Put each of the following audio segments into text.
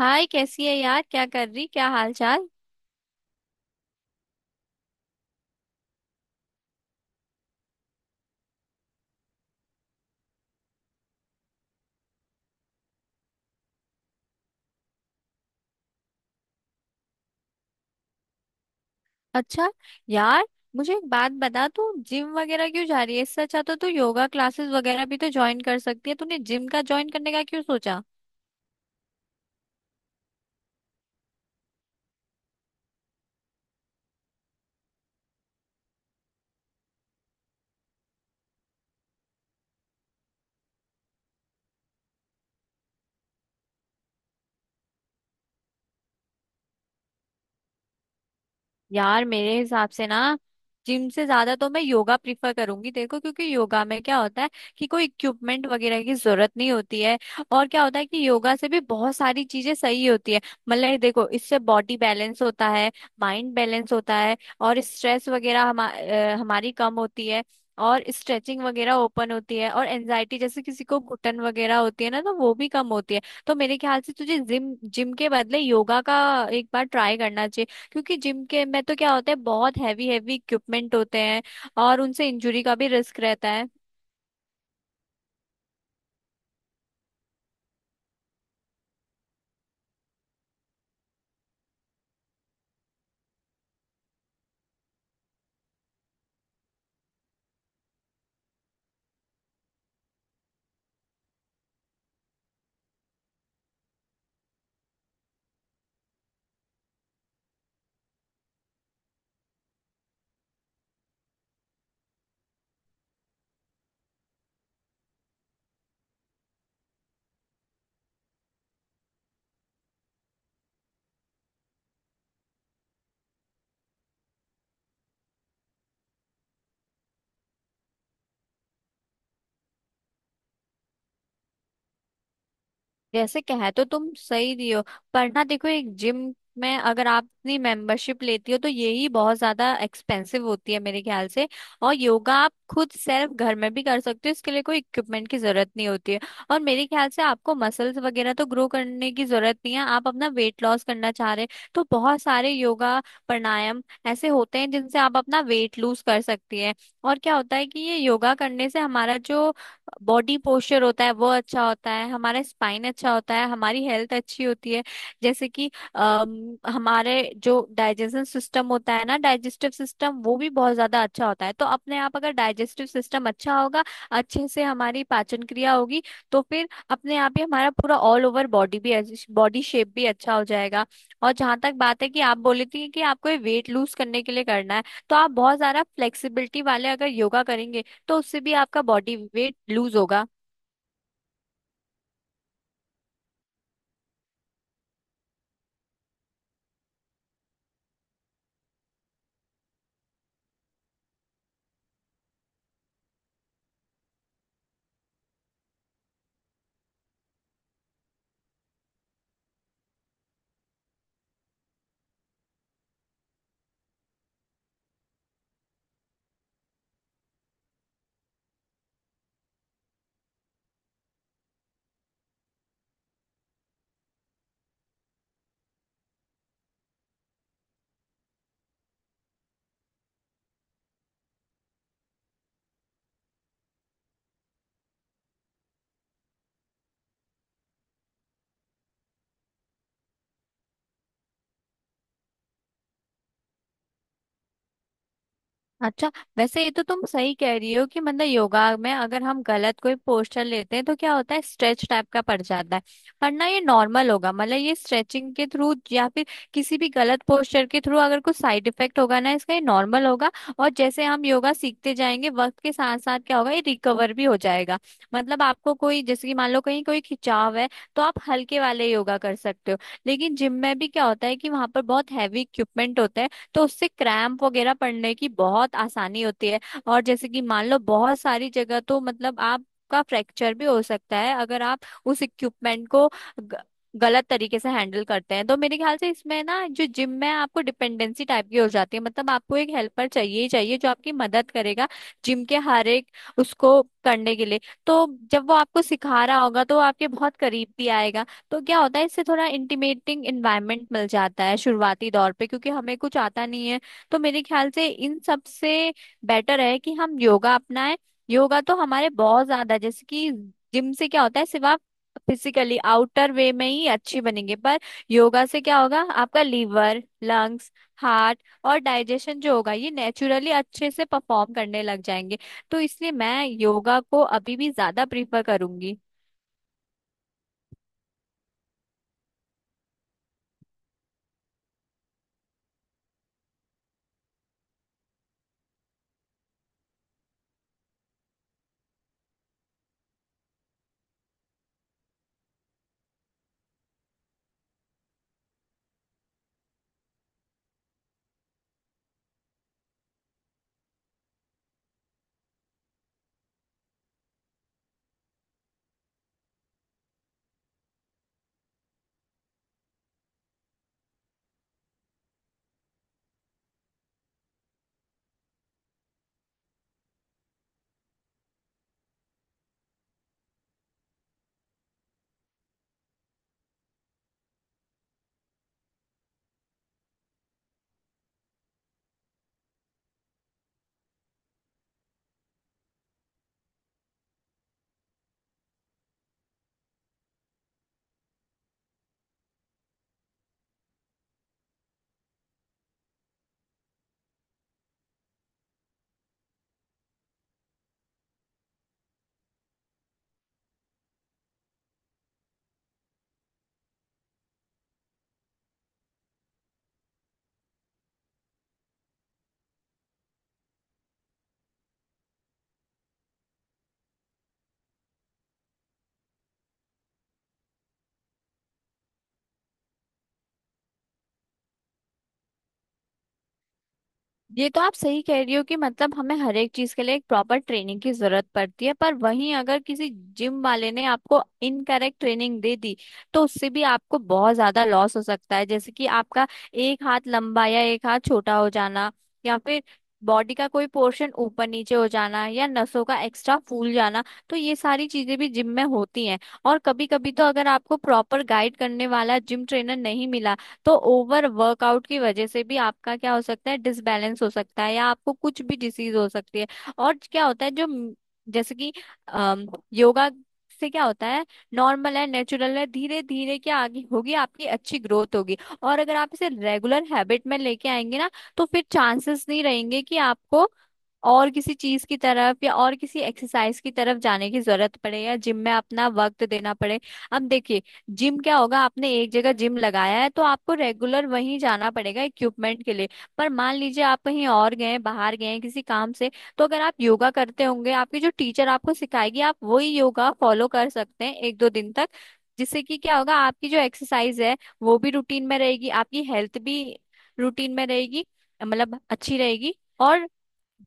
हाय, कैसी है यार, क्या कर रही, क्या हाल चाल। अच्छा यार, मुझे एक बात बता तू जिम वगैरह क्यों जा रही है। इससे अच्छा तो तू योगा क्लासेस वगैरह भी तो ज्वाइन कर सकती है। तूने जिम का ज्वाइन करने का क्यों सोचा। यार मेरे हिसाब से ना, जिम से ज्यादा तो मैं योगा प्रीफर करूंगी। देखो क्योंकि योगा में क्या होता है कि कोई इक्विपमेंट वगैरह की जरूरत नहीं होती है। और क्या होता है कि योगा से भी बहुत सारी चीजें सही होती है। मतलब ये देखो, इससे बॉडी बैलेंस होता है, माइंड बैलेंस होता है और स्ट्रेस वगैरह हमारी कम होती है। और स्ट्रेचिंग वगैरह ओपन होती है और एनजाइटी जैसे किसी को घुटन वगैरह होती है ना, तो वो भी कम होती है। तो मेरे ख्याल से तुझे जिम जिम के बदले योगा का एक बार ट्राई करना चाहिए। क्योंकि जिम के में तो क्या होता है, बहुत हैवी हैवी इक्विपमेंट होते हैं और उनसे इंजरी का भी रिस्क रहता है। जैसे कहे तो तुम सही रही हो, पर ना देखो, एक जिम में अगर आप अपनी मेंबरशिप लेती हो तो यही बहुत ज्यादा एक्सपेंसिव होती है मेरे ख्याल से। और योगा आप खुद सेल्फ घर में भी कर सकते हो, इसके लिए कोई इक्विपमेंट की जरूरत नहीं होती है। और मेरे ख्याल से आपको मसल्स वगैरह तो ग्रो करने की जरूरत नहीं है, आप अपना वेट लॉस करना चाह रहे हैं तो बहुत सारे योगा, प्राणायाम ऐसे होते हैं जिनसे आप अपना वेट लूज कर सकती है। और क्या होता है कि ये योगा करने से हमारा जो बॉडी पोस्चर होता है वो अच्छा होता है, हमारा स्पाइन अच्छा होता है, हमारी हेल्थ अच्छी होती है। जैसे कि हमारे जो डाइजेशन सिस्टम होता है ना, डाइजेस्टिव सिस्टम, वो भी बहुत ज्यादा अच्छा होता है। तो अपने आप अगर डाइजेस्टिव सिस्टम अच्छा होगा, अच्छे से हमारी पाचन क्रिया होगी, तो फिर अपने आप ही हमारा पूरा ऑल ओवर बॉडी भी, बॉडी शेप भी अच्छा हो जाएगा। और जहां तक बात है कि आप बोली थी कि आपको ये वेट लूज करने के लिए करना है, तो आप बहुत सारा फ्लेक्सिबिलिटी वाले अगर योगा करेंगे तो उससे भी आपका बॉडी वेट लूज होगा। अच्छा, वैसे ये तो तुम सही कह रही हो कि मतलब योगा में अगर हम गलत कोई पोस्चर लेते हैं तो क्या होता है, स्ट्रेच टाइप का पड़ जाता है। पर ना ये नॉर्मल होगा, मतलब ये स्ट्रेचिंग के थ्रू या फिर किसी भी गलत पोस्चर के थ्रू अगर कुछ साइड इफेक्ट होगा ना इसका, ये नॉर्मल होगा। और जैसे हम योगा सीखते जाएंगे वक्त के साथ साथ, क्या होगा, ये रिकवर भी हो जाएगा। मतलब आपको कोई, जैसे कि मान लो कहीं कोई खिंचाव है, तो आप हल्के वाले योगा कर सकते हो। लेकिन जिम में भी क्या होता है कि वहां पर बहुत हैवी इक्विपमेंट होता है, तो उससे क्रैम्प वगैरह पड़ने की बहुत आसानी होती है। और जैसे कि मान लो बहुत सारी जगह तो मतलब आपका फ्रैक्चर भी हो सकता है अगर आप उस इक्विपमेंट को ग- गलत तरीके से हैंडल करते हैं। तो मेरे ख्याल से इसमें ना, जो जिम में आपको डिपेंडेंसी टाइप की हो जाती है, मतलब आपको एक हेल्पर चाहिए ही चाहिए जो आपकी मदद करेगा जिम के हर एक उसको करने के लिए। तो जब वो आपको सिखा रहा होगा तो वो आपके बहुत करीब भी आएगा। तो क्या होता है, इससे थोड़ा इंटीमेटिंग इन्वायरमेंट मिल जाता है शुरुआती दौर पे, क्योंकि हमें कुछ आता नहीं है। तो मेरे ख्याल से इन सब से बेटर है कि हम योगा अपनाएं। योगा तो हमारे बहुत ज्यादा, जैसे कि जिम से क्या होता है सिर्फ आप फिजिकली आउटर वे में ही अच्छी बनेंगे, पर योगा से क्या होगा, आपका लीवर, लंग्स, हार्ट और डाइजेशन जो होगा ये नेचुरली अच्छे से परफॉर्म करने लग जाएंगे। तो इसलिए मैं योगा को अभी भी ज्यादा प्रीफर करूंगी। ये तो आप सही कह रही हो कि मतलब हमें हर एक चीज के लिए एक प्रॉपर ट्रेनिंग की जरूरत पड़ती है, पर वहीं अगर किसी जिम वाले ने आपको इनकरेक्ट ट्रेनिंग दे दी तो उससे भी आपको बहुत ज्यादा लॉस हो सकता है। जैसे कि आपका एक हाथ लंबा या एक हाथ छोटा हो जाना, या फिर बॉडी का कोई पोर्शन ऊपर नीचे हो जाना, या नसों का एक्स्ट्रा फूल जाना, तो ये सारी चीजें भी जिम में होती हैं। और कभी कभी तो अगर आपको प्रॉपर गाइड करने वाला जिम ट्रेनर नहीं मिला तो ओवर वर्कआउट की वजह से भी आपका क्या हो सकता है, डिसबैलेंस हो सकता है या आपको कुछ भी डिसीज हो सकती है। और क्या होता है जो जैसे कि अम, योगा से क्या होता है, नॉर्मल है, नेचुरल है, धीरे धीरे क्या आगे होगी, आपकी अच्छी ग्रोथ होगी। और अगर आप इसे रेगुलर हैबिट में लेके आएंगे ना, तो फिर चांसेस नहीं रहेंगे कि आपको और किसी चीज की तरफ या और किसी एक्सरसाइज की तरफ जाने की जरूरत पड़े या जिम में अपना वक्त देना पड़े। अब देखिए, जिम क्या होगा, आपने एक जगह जिम लगाया है तो आपको रेगुलर वहीं जाना पड़ेगा इक्विपमेंट के लिए। पर मान लीजिए आप कहीं और गए, बाहर गए किसी काम से, तो अगर आप योगा करते होंगे आपकी जो टीचर आपको सिखाएगी आप वही योगा फॉलो कर सकते हैं एक दो दिन तक। जिससे कि क्या होगा, आपकी जो एक्सरसाइज है वो भी रूटीन में रहेगी, आपकी हेल्थ भी रूटीन में रहेगी, मतलब अच्छी रहेगी। और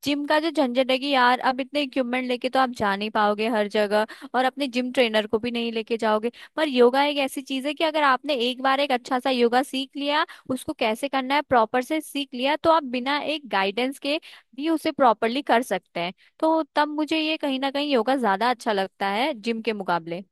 जिम का जो झंझट है कि यार, अब इतने इक्विपमेंट लेके तो आप जा नहीं पाओगे हर जगह, और अपने जिम ट्रेनर को भी नहीं लेके जाओगे। पर योगा एक ऐसी चीज है कि अगर आपने एक बार एक अच्छा सा योगा सीख लिया, उसको कैसे करना है प्रॉपर से सीख लिया, तो आप बिना एक गाइडेंस के भी उसे प्रॉपरली कर सकते हैं। तो तब मुझे ये कहीं ना कहीं योगा ज्यादा अच्छा लगता है जिम के मुकाबले।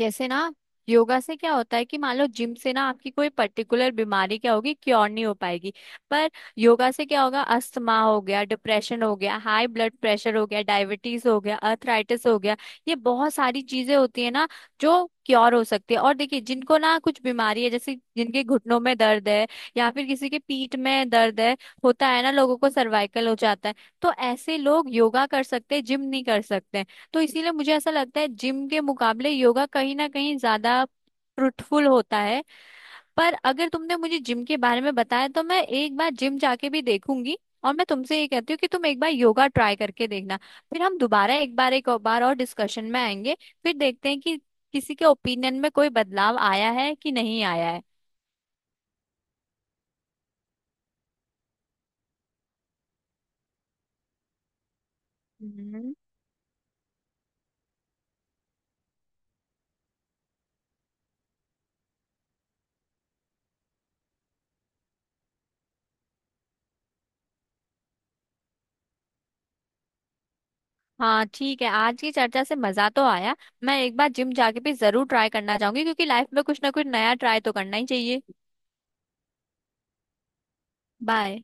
जैसे ना, योगा से क्या होता है कि मान लो जिम से ना आपकी कोई पर्टिकुलर बीमारी क्या होगी, क्योर नहीं हो पाएगी, पर योगा से क्या होगा, अस्थमा हो गया, डिप्रेशन हो गया, हाई ब्लड प्रेशर हो गया, डायबिटीज हो गया, अर्थराइटिस हो गया, ये बहुत सारी चीजें होती है ना जो क्योर हो सकती है। और देखिए, जिनको ना कुछ बीमारी है, जैसे जिनके घुटनों में दर्द है या फिर किसी के पीठ में दर्द है, होता है ना लोगों को सर्वाइकल हो जाता है, तो ऐसे लोग योगा कर सकते हैं, जिम नहीं कर सकते। तो इसीलिए मुझे ऐसा लगता है जिम के मुकाबले योगा कहीं ना कहीं ज्यादा फ्रूटफुल होता है। पर अगर तुमने मुझे जिम के बारे में बताया, तो मैं एक बार जिम जाके भी देखूंगी, और मैं तुमसे ये कहती हूँ कि तुम एक बार योगा ट्राई करके देखना। फिर हम दोबारा एक बार, एक और बार और डिस्कशन में आएंगे, फिर देखते हैं कि किसी के ओपिनियन में कोई बदलाव आया है कि नहीं आया है। हम्म। हाँ ठीक है, आज की चर्चा से मजा तो आया। मैं एक बार जिम जाके भी जरूर ट्राई करना चाहूंगी, क्योंकि लाइफ में कुछ ना कुछ नया ट्राई तो करना ही चाहिए। बाय।